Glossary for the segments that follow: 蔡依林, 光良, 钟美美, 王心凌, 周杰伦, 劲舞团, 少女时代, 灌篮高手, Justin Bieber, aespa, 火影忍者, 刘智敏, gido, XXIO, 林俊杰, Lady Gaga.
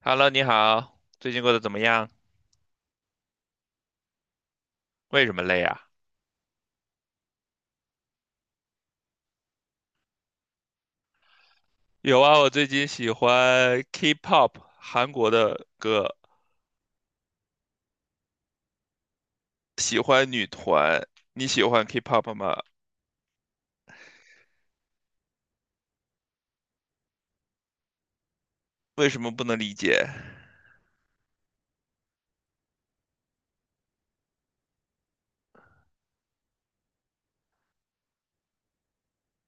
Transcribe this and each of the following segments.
Hello，你好，最近过得怎么样？为什么累啊？有啊，我最近喜欢 K-pop，韩国的歌，喜欢女团。你喜欢 K-pop 吗？为什么不能理解？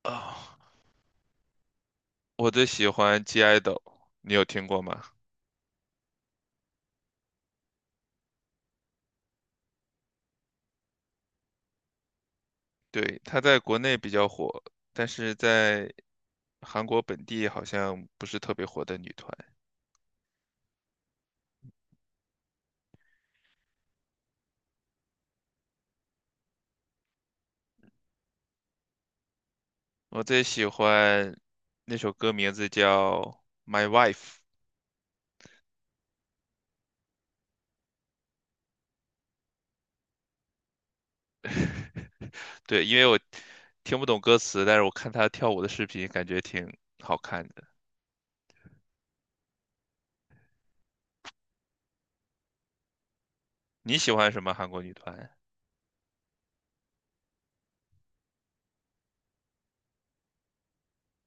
啊、我最喜欢 g i d o 你有听过吗？对，他在国内比较火，但是在韩国本地好像不是特别火的女团。我最喜欢那首歌名字叫《My Wife》。对，因为我听不懂歌词，但是我看她跳舞的视频，感觉挺好看的。你喜欢什么韩国女团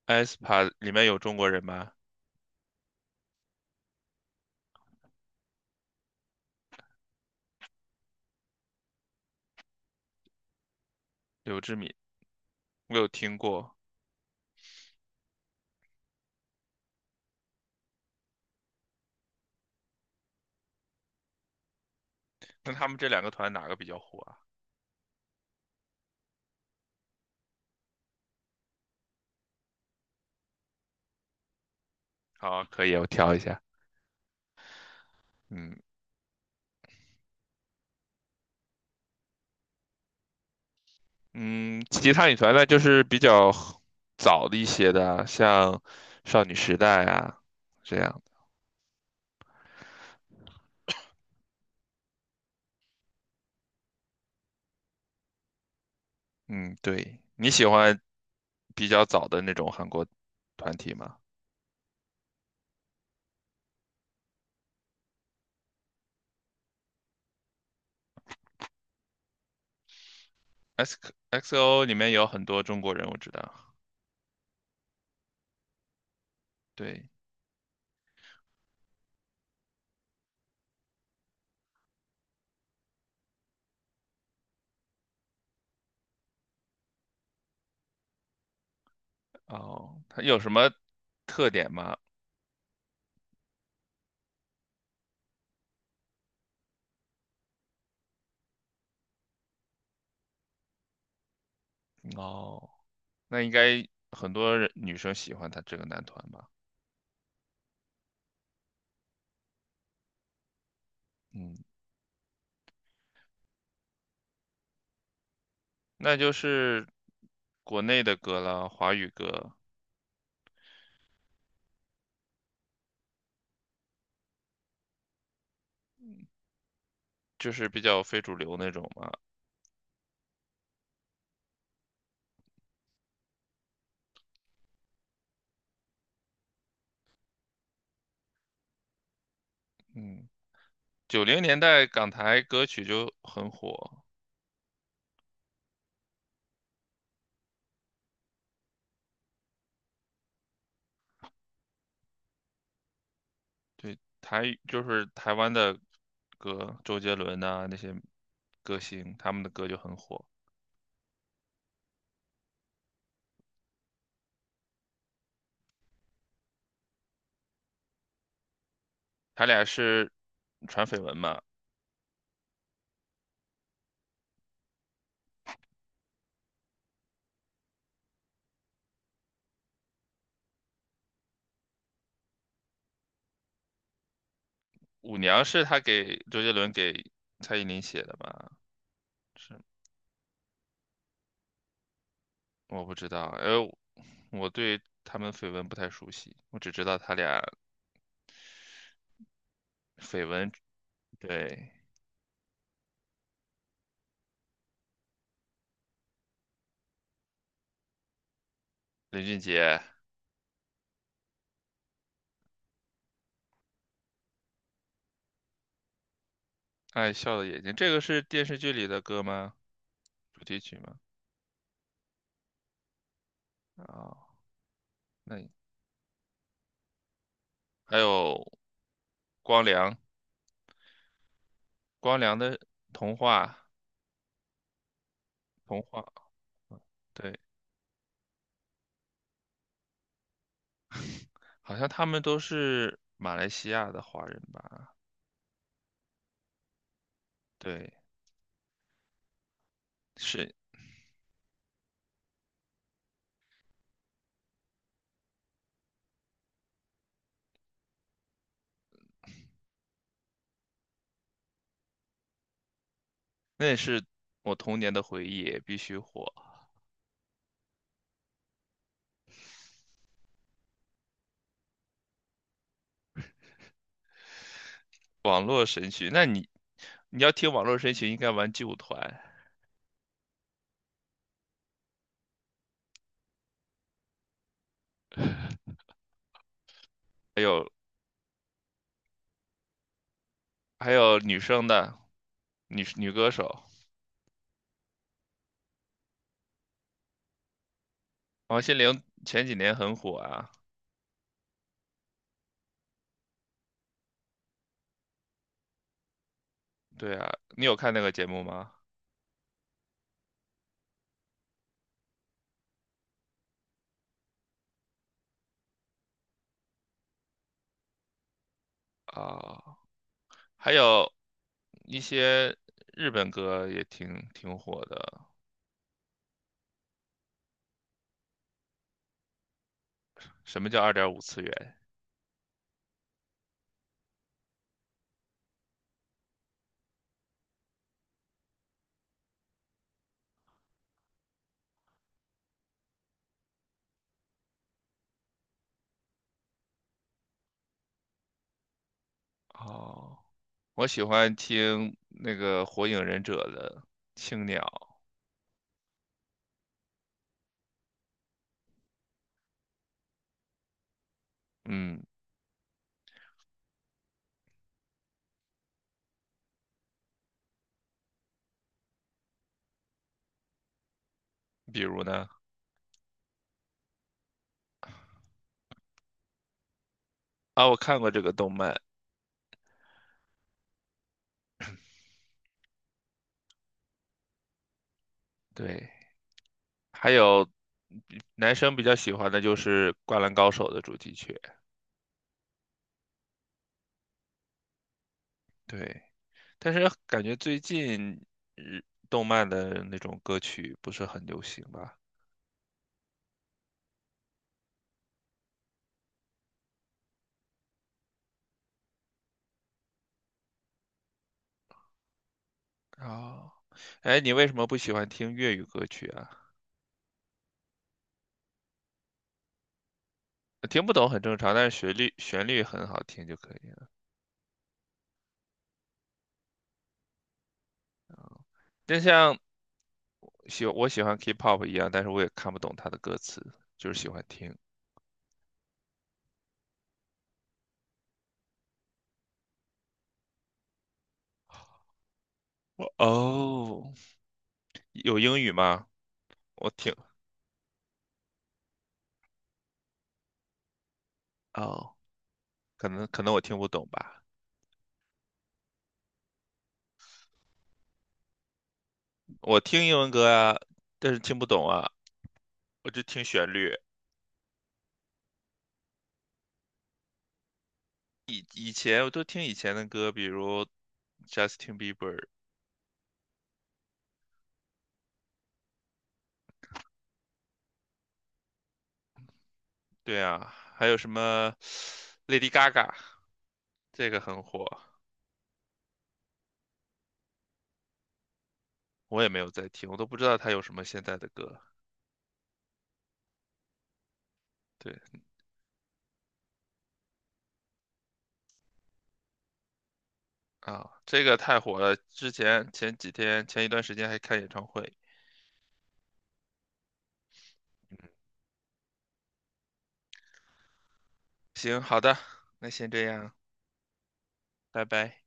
？aespa 里面有中国人吗？刘智敏，我有听过。那他们这两个团哪个比较火啊？好，可以，我挑一下。嗯嗯，其他女团呢，就是比较早的一些的啊像少女时代啊这样。嗯，对，你喜欢比较早的那种韩国团体吗？X XO 里面有很多中国人，我知道。对，哦，他有什么特点吗？哦，那应该很多人女生喜欢他这个男团吧？嗯，那就是国内的歌了，华语歌，就是比较非主流那种嘛。嗯，九零年代港台歌曲就很火，对，台语就是台湾的歌，周杰伦呐、那些歌星，他们的歌就很火。他俩是传绯闻嘛，《舞娘》是他给周杰伦给蔡依林写的吧？是我不知道，呃，我对他们绯闻不太熟悉，我只知道他俩绯闻。对，林俊杰《爱笑的眼睛》，这个是电视剧里的歌吗？主题曲吗？啊、那还有光良，光良的童话，童话，嗯对，好像他们都是马来西亚的华人吧？对，是，那也是我童年的回忆，必须火。网络神曲，那你你要听网络神曲，应该玩劲舞团，还有还有女生的女歌手，王心凌前几年很火啊。对啊，你有看那个节目吗？啊，还有一些日本歌也挺火的。什么叫二点五次元？哦，我喜欢听那个《火影忍者》的青鸟。嗯，比如呢？啊，我看过这个动漫，对。还有男生比较喜欢的就是《灌篮高手》的主题曲，对。但是感觉最近日动漫的那种歌曲不是很流行吧？哦，哎，你为什么不喜欢听粤语歌曲啊？听不懂很正常，但是旋律很好听就可以了。就像我喜欢 K-pop 一样，但是我也看不懂它的歌词，就是喜欢听。哦，有英语吗？我听哦，可能我听不懂吧。我听英文歌啊，但是听不懂啊，我就听旋律。以前我都听以前的歌，比如 Justin Bieber,对啊，还有什么 Lady Gaga,这个很火，我也没有在听，我都不知道她有什么现在的歌。对啊，这个太火了，之前前几天前一段时间还看演唱会。嗯，行，好的，那先这样，拜拜。